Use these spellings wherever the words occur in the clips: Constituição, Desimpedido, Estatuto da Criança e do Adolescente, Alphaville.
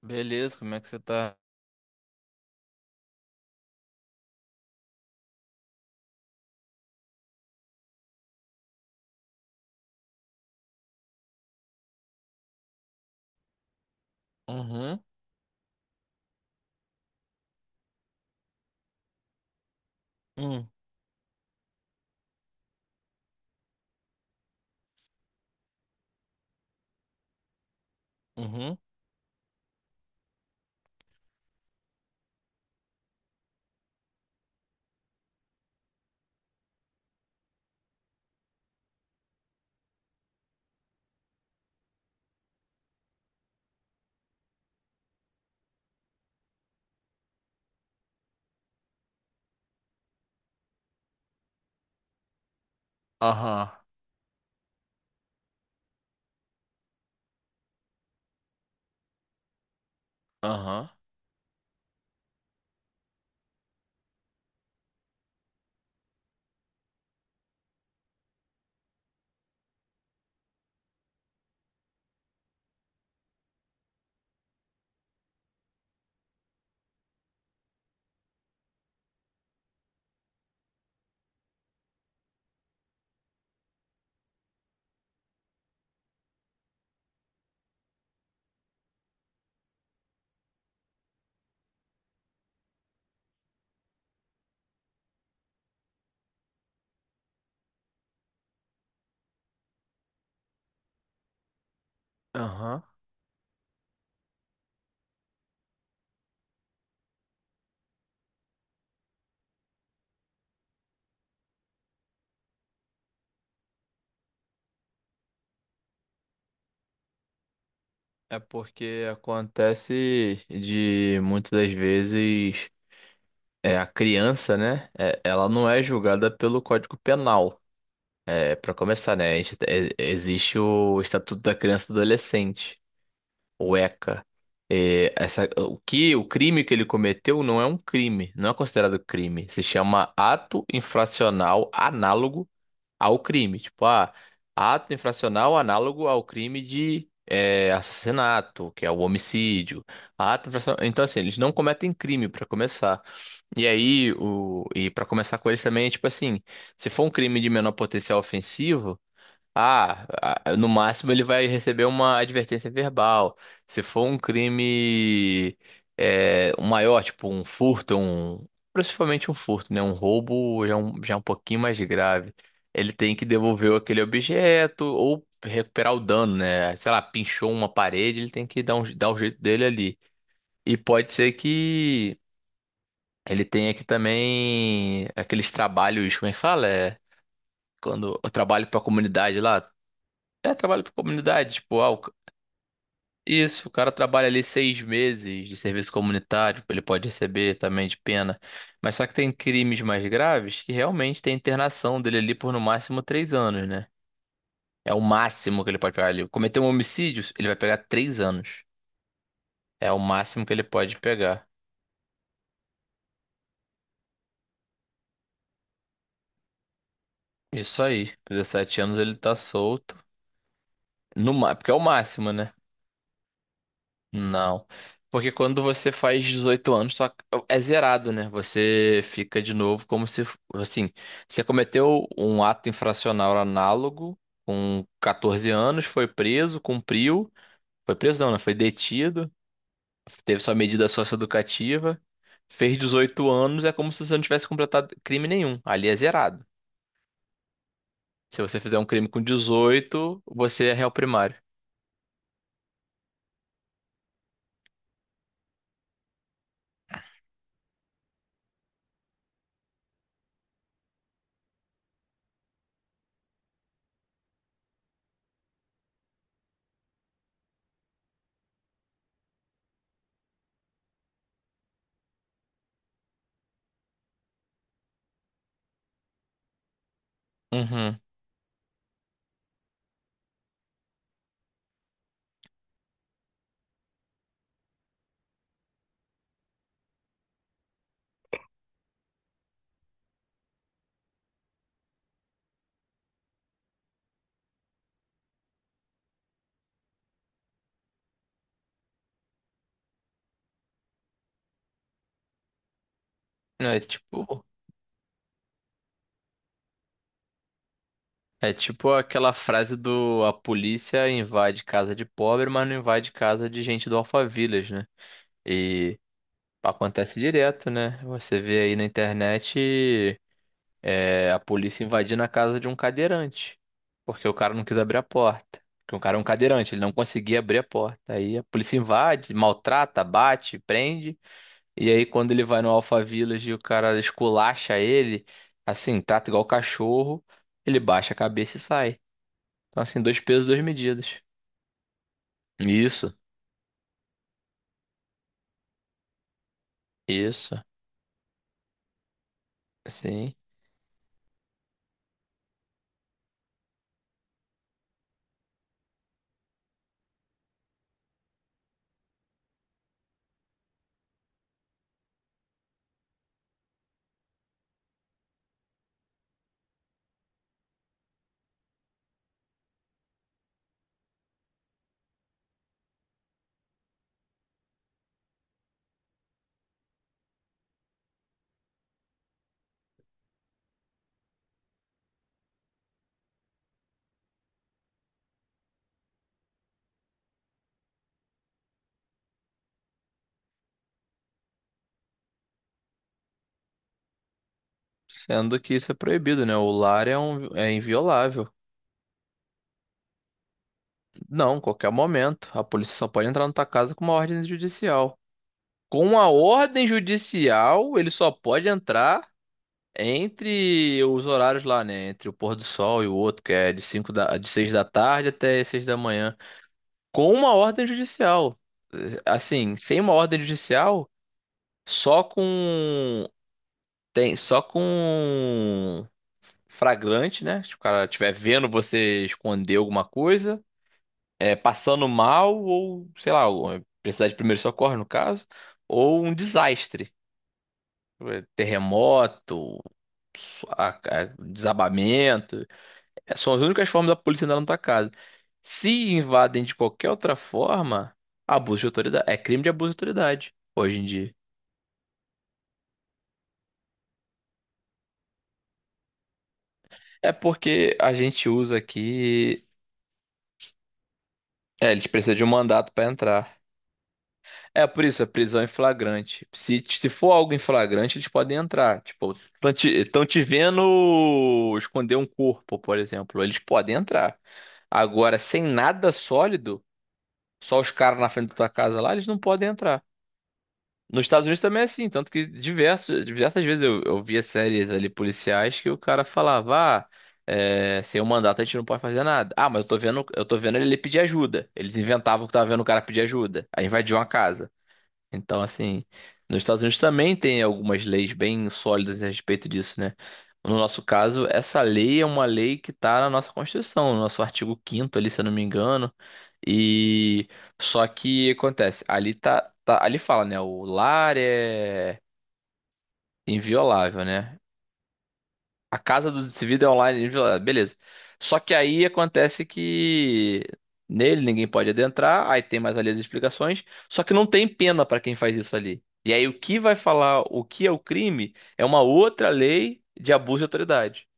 Beleza, como é que você tá? Uhum. Hum. Uhum. Aham. Aham. Aham. É porque acontece de muitas das vezes a criança, né? Ela não é julgada pelo Código Penal. É, para começar, né? Existe o Estatuto da Criança e do Adolescente, o ECA. É, o crime que ele cometeu não é um crime, não é considerado crime. Se chama ato infracional análogo ao crime. Tipo, ato infracional análogo ao crime de assassinato, que é o homicídio. Então, assim, eles não cometem crime para começar. E aí, e para começar com eles também, é tipo assim, se for um crime de menor potencial ofensivo. Ah, no máximo ele vai receber uma advertência verbal. Se for um crime um maior, tipo um furto, principalmente um furto, né? Um roubo já é um pouquinho mais grave. Ele tem que devolver aquele objeto ou recuperar o dano, né? Sei lá, pinchou uma parede, ele tem que dar o jeito dele ali. E pode ser que ele tenha que também aqueles trabalhos, como é que fala? É, quando eu trabalho para a comunidade lá. É trabalho para comunidade, tipo, isso, o cara trabalha ali 6 meses de serviço comunitário, ele pode receber também de pena. Mas só que tem crimes mais graves que realmente tem internação dele ali por no máximo 3 anos, né? É o máximo que ele pode pegar ali. Cometer um homicídio, ele vai pegar 3 anos. É o máximo que ele pode pegar. Isso aí, com 17 anos ele tá solto. No, ma- Porque é o máximo, né? Não. Porque quando você faz 18 anos, só é zerado, né? Você fica de novo como se, assim, você cometeu um ato infracional análogo com 14 anos, foi preso, cumpriu, foi preso não, né? Foi detido, teve sua medida socioeducativa, fez 18 anos, é como se você não tivesse completado crime nenhum. Ali é zerado. Se você fizer um crime com 18, você é réu primário. Uhum. É tipo. É tipo aquela frase do a polícia invade casa de pobre, mas não invade casa de gente do Alphaville, né? E acontece direto, né? Você vê aí na internet a polícia invadindo a casa de um cadeirante, porque o cara não quis abrir a porta. Porque o cara é um cadeirante, ele não conseguia abrir a porta. Aí a polícia invade, maltrata, bate, prende. E aí quando ele vai no Alphaville e o cara esculacha ele, assim, trata igual cachorro, ele baixa a cabeça e sai. Então, assim, dois pesos, duas medidas. Isso, isso. Sim. Sendo que isso é proibido, né? O lar é inviolável. Não, qualquer momento. A polícia só pode entrar na tua casa com uma ordem judicial. Com a ordem judicial, ele só pode entrar entre os horários lá, né? Entre o pôr do sol e o outro, que é de de 6 da tarde até seis da manhã. Com uma ordem judicial. Assim, sem uma ordem judicial, só com. Tem, só com fragrante, né? Se o cara estiver vendo você esconder alguma coisa, passando mal, ou sei lá, ou precisar de primeiro socorro, no caso, ou um desastre, terremoto, desabamento. É, são as únicas formas da polícia entrar na tua casa. Se invadem de qualquer outra forma, abuso de autoridade. É crime de abuso de autoridade hoje em dia. É porque a gente usa aqui. É, eles precisam de um mandato para entrar. É por isso, a prisão em flagrante. Se for algo em flagrante, eles podem entrar. Tipo, tão te vendo esconder um corpo, por exemplo. Eles podem entrar. Agora, sem nada sólido, só os caras na frente da tua casa lá, eles não podem entrar. Nos Estados Unidos também é assim, tanto que diversas vezes eu via séries ali policiais que o cara falava, sem o mandato a gente não pode fazer nada. Ah, mas eu tô vendo ele pedir ajuda. Eles inventavam que tava vendo o cara pedir ajuda. Aí invadiu uma casa. Então, assim, nos Estados Unidos também tem algumas leis bem sólidas a respeito disso, né? No nosso caso, essa lei é uma lei que está na nossa Constituição, no nosso artigo quinto ali, se eu não me engano. E só que acontece, ali fala, né? O lar é inviolável, né? A casa do Desimpedido é online, ah, beleza. Só que aí acontece que nele ninguém pode adentrar, aí tem mais ali as explicações, só que não tem pena para quem faz isso ali. E aí o que vai falar o que é o crime é uma outra lei de abuso de autoridade.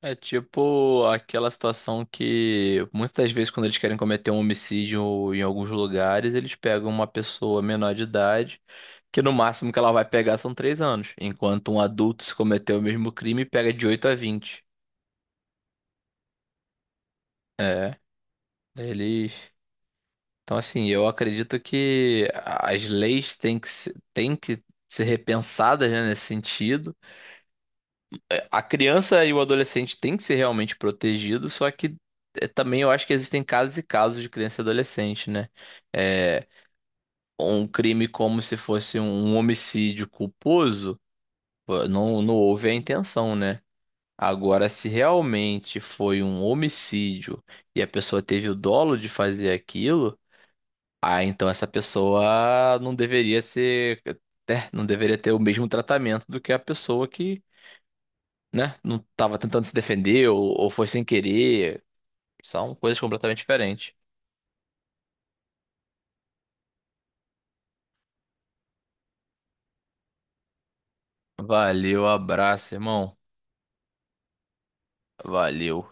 É tipo aquela situação que muitas das vezes quando eles querem cometer um homicídio em alguns lugares, eles pegam uma pessoa menor de idade, que no máximo que ela vai pegar são 3 anos, enquanto um adulto se cometer o mesmo crime pega de 8 a 20. É, eles. Então assim, eu acredito que as leis têm que se- têm que ser repensadas, né, nesse sentido. É, a criança e o adolescente têm que ser realmente protegidos, só que também eu acho que existem casos e casos de criança e adolescente, né? É, um crime como se fosse um homicídio culposo, pô, não houve a intenção, né? Agora, se realmente foi um homicídio e a pessoa teve o dolo de fazer aquilo, ah, então essa pessoa não deveria ser, né, não deveria ter o mesmo tratamento do que a pessoa que né? Não tava tentando se defender ou foi sem querer. São coisas completamente diferentes. Valeu, abraço, irmão. Valeu.